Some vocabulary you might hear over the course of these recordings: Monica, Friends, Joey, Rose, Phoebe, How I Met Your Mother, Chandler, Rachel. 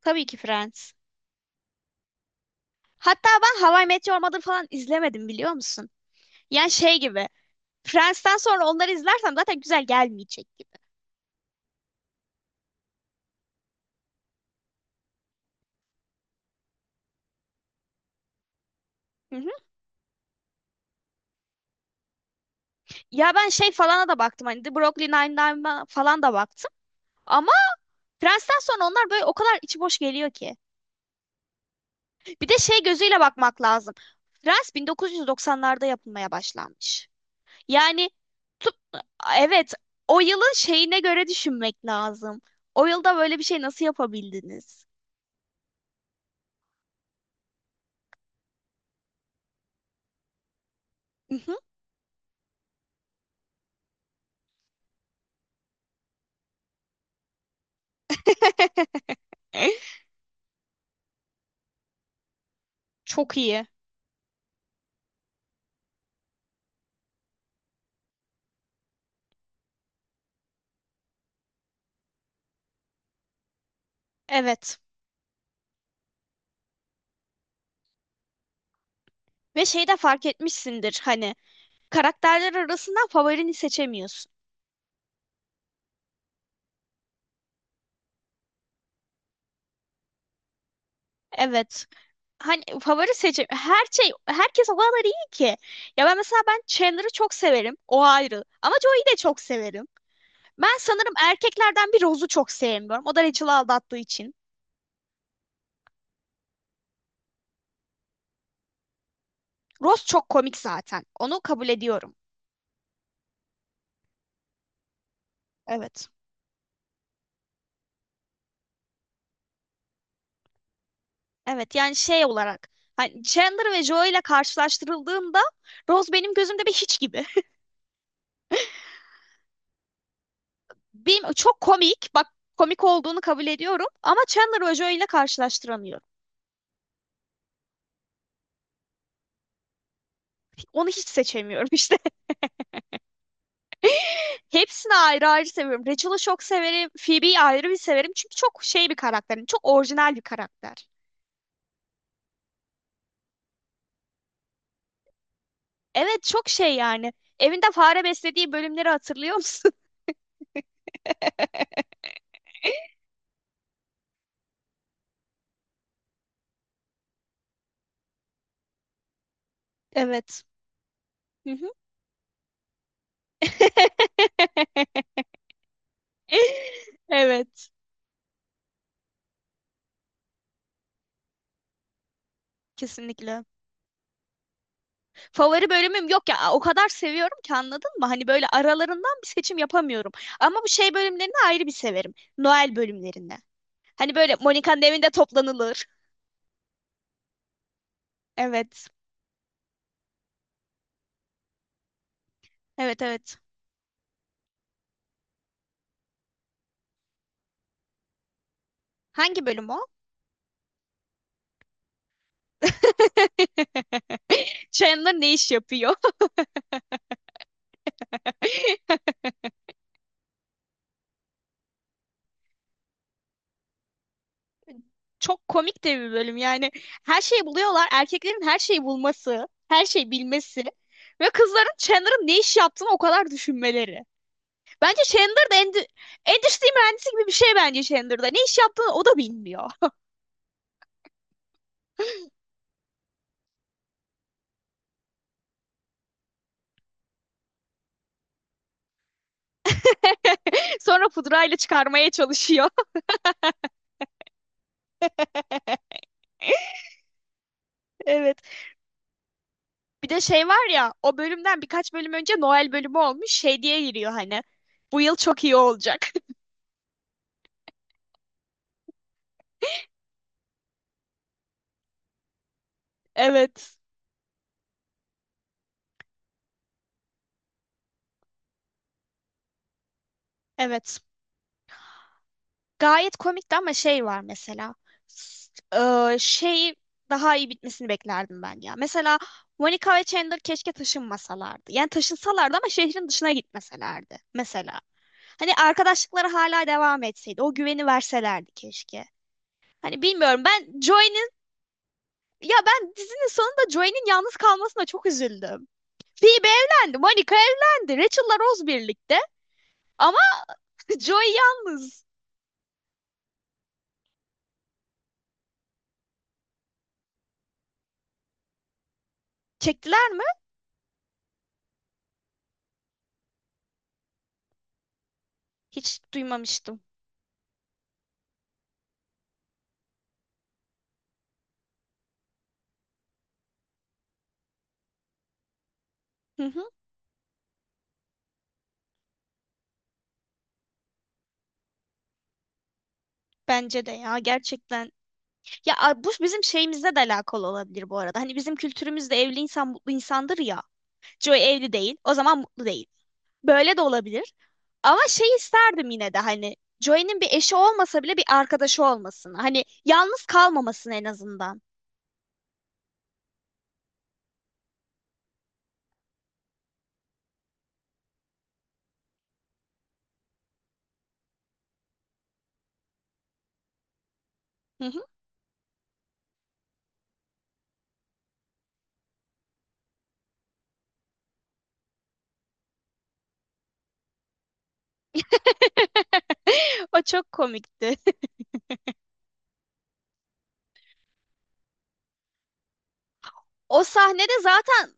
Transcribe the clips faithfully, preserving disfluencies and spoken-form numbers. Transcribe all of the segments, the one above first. Tabii ki Friends. Hatta ben How I Met Your Mother falan izlemedim biliyor musun? Yani şey gibi. Friends'ten sonra onları izlersem zaten güzel gelmeyecek gibi. Hı hı. Ya ben şey falana da baktım hani The Brooklyn Nine-Nine'a falan da baktım. Ama Friends'ten sonra onlar böyle o kadar içi boş geliyor ki. Bir de şey gözüyle bakmak lazım. Friends bin dokuz yüz doksanlarda yapılmaya başlanmış. Yani tut- evet, o yılın şeyine göre düşünmek lazım. O yılda böyle bir şey nasıl yapabildiniz? Çok iyi. Evet. Ve şey de fark etmişsindir hani karakterler arasından favorini seçemiyorsun. Evet. Hani favori seçim her şey herkes o kadar iyi ki. Ya ben mesela ben Chandler'ı çok severim. O ayrı. Ama Joey'i de çok severim. Ben sanırım erkeklerden bir Rose'u çok sevmiyorum. O da Rachel'ı aldattığı için. Rose çok komik zaten. Onu kabul ediyorum. Evet. Evet, yani şey olarak hani Chandler ve Joey ile karşılaştırıldığında Rose benim gözümde bir hiç gibi. Bil- çok komik. Bak, komik olduğunu kabul ediyorum ama Chandler Ojo ile karşılaştıramıyorum. Onu hiç seçemiyorum işte. Hepsini ayrı ayrı seviyorum. Rachel'ı çok severim. Phoebe'yi ayrı bir severim. Çünkü çok şey bir karakter. Yani çok orijinal bir karakter. Evet, çok şey yani. Evinde fare beslediği bölümleri hatırlıyor musun? Evet. Hı hı. Evet. Kesinlikle. Favori bölümüm yok ya. O kadar seviyorum ki anladın mı? Hani böyle aralarından bir seçim yapamıyorum. Ama bu şey bölümlerini ayrı bir severim. Noel bölümlerini. Hani böyle Monika'nın evinde toplanılır. Evet. Evet, evet. Hangi bölüm o? Chandler ne iş yapıyor? Çok komik de bir bölüm yani. Her şeyi buluyorlar. Erkeklerin her şeyi bulması, her şeyi bilmesi ve kızların Chandler'ın ne iş yaptığını o kadar düşünmeleri. Bence Chandler da endü endüstri mühendisi gibi bir şey bence Chandler'da. Ne iş yaptığını o da bilmiyor. Sonra pudrayla çıkarmaya çalışıyor. Evet. Bir de şey var ya, o bölümden birkaç bölüm önce Noel bölümü olmuş şey diye giriyor hani. Bu yıl çok iyi olacak. Evet. Evet. Gayet komikti ama şey var mesela. S- eee, şey, daha iyi bitmesini beklerdim ben ya. Mesela Monica ve Chandler keşke taşınmasalardı. Yani taşınsalardı ama şehrin dışına gitmeselerdi mesela. Hani arkadaşlıkları hala devam etseydi. O güveni verselerdi keşke. Hani bilmiyorum, ben Joey'nin, ya ben dizinin sonunda Joey'nin yalnız kalmasına çok üzüldüm. Phoebe evlendi, Monica evlendi, Rachel'la Rose birlikte, ama Joey yalnız. Çektiler mi? Hiç duymamıştım. Bence de ya, gerçekten. Ya a- bu bizim şeyimizle de alakalı olabilir bu arada. Hani bizim kültürümüzde evli insan mutlu insandır ya. Joey evli değil. O zaman mutlu değil. Böyle de olabilir. Ama şey isterdim yine de hani Joey'nin bir eşi olmasa bile bir arkadaşı olmasını. Hani yalnız kalmamasını en azından. Hı hı. O çok komikti. O sahnede zaten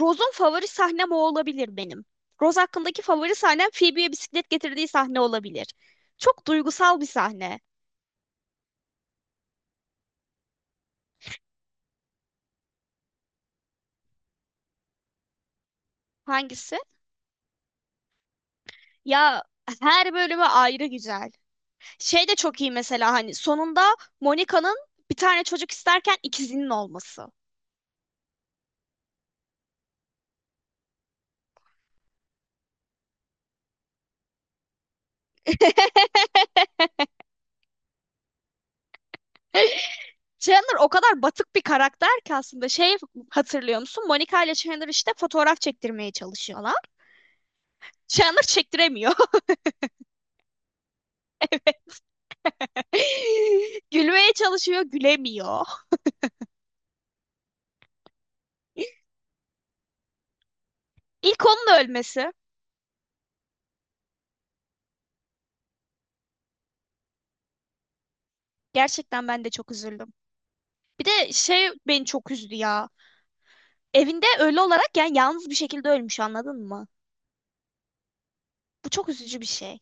Rose'un, favori sahnem o olabilir benim. Rose hakkındaki favori sahnem Phoebe'ye bisiklet getirdiği sahne olabilir. Çok duygusal bir sahne. Hangisi? Ya, her bölümü ayrı güzel. Şey de çok iyi mesela, hani sonunda Monica'nın bir tane çocuk isterken ikizinin olması. Chandler o kadar batık bir karakter ki aslında, şey, hatırlıyor musun? Monica ile Chandler işte fotoğraf çektirmeye çalışıyorlar. Chandler çektiremiyor. Gülmeye çalışıyor, gülemiyor. İlk onun ölmesi. Gerçekten ben de çok üzüldüm. Bir de şey beni çok üzdü ya. Evinde ölü olarak, yani yalnız bir şekilde ölmüş, anladın mı? Bu çok üzücü bir şey.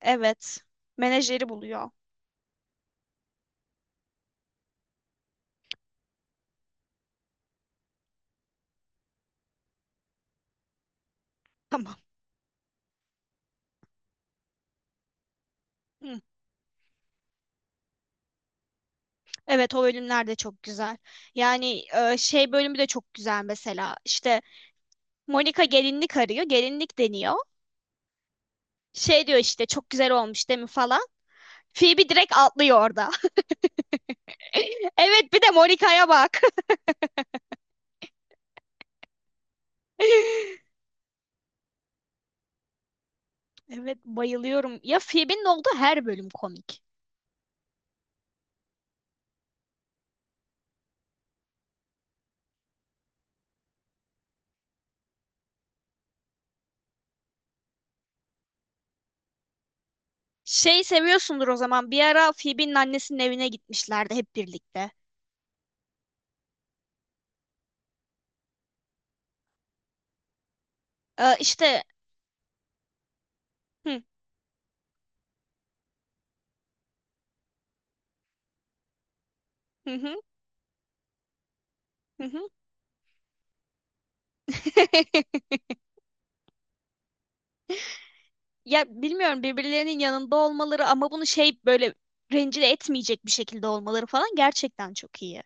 Evet. Menajeri buluyor. Tamam. Hı. Evet, o bölümler de çok güzel. Yani e, şey bölümü de çok güzel mesela. İşte Monica gelinlik arıyor. Gelinlik deniyor. Şey diyor işte, çok güzel olmuş değil mi falan. Phoebe direkt atlıyor orada. Evet, bir de Monica'ya bak. Evet, bayılıyorum. Ya Phoebe'nin olduğu her bölüm komik. Şey seviyorsundur o zaman. Bir ara Phoebe'nin annesinin evine gitmişlerdi hep birlikte. Ee, işte hı hı hı. hı hı. Ya bilmiyorum, birbirlerinin yanında olmaları ama bunu şey böyle rencide etmeyecek bir şekilde olmaları falan gerçekten çok iyi.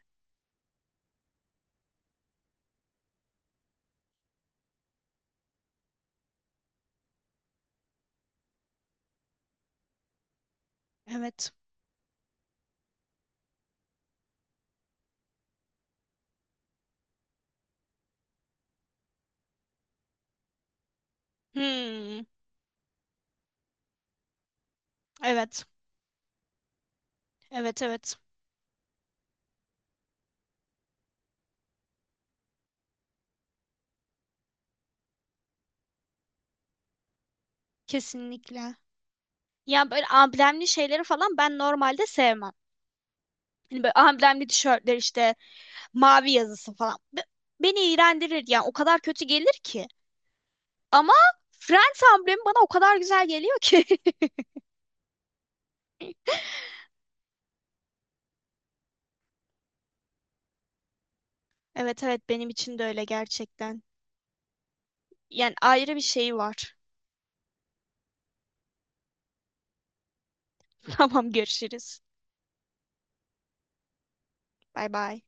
Evet. Hmm. Evet. Evet, evet. Kesinlikle. Ya böyle amblemli şeyleri falan ben normalde sevmem. Hani böyle amblemli tişörtler işte mavi yazısı falan. Be- Beni iğrendirir yani, o kadar kötü gelir ki. Ama Friends amblemi bana o kadar güzel geliyor ki. Evet, evet, benim için de öyle gerçekten. Yani ayrı bir şey var. Tamam, görüşürüz. Bay bay.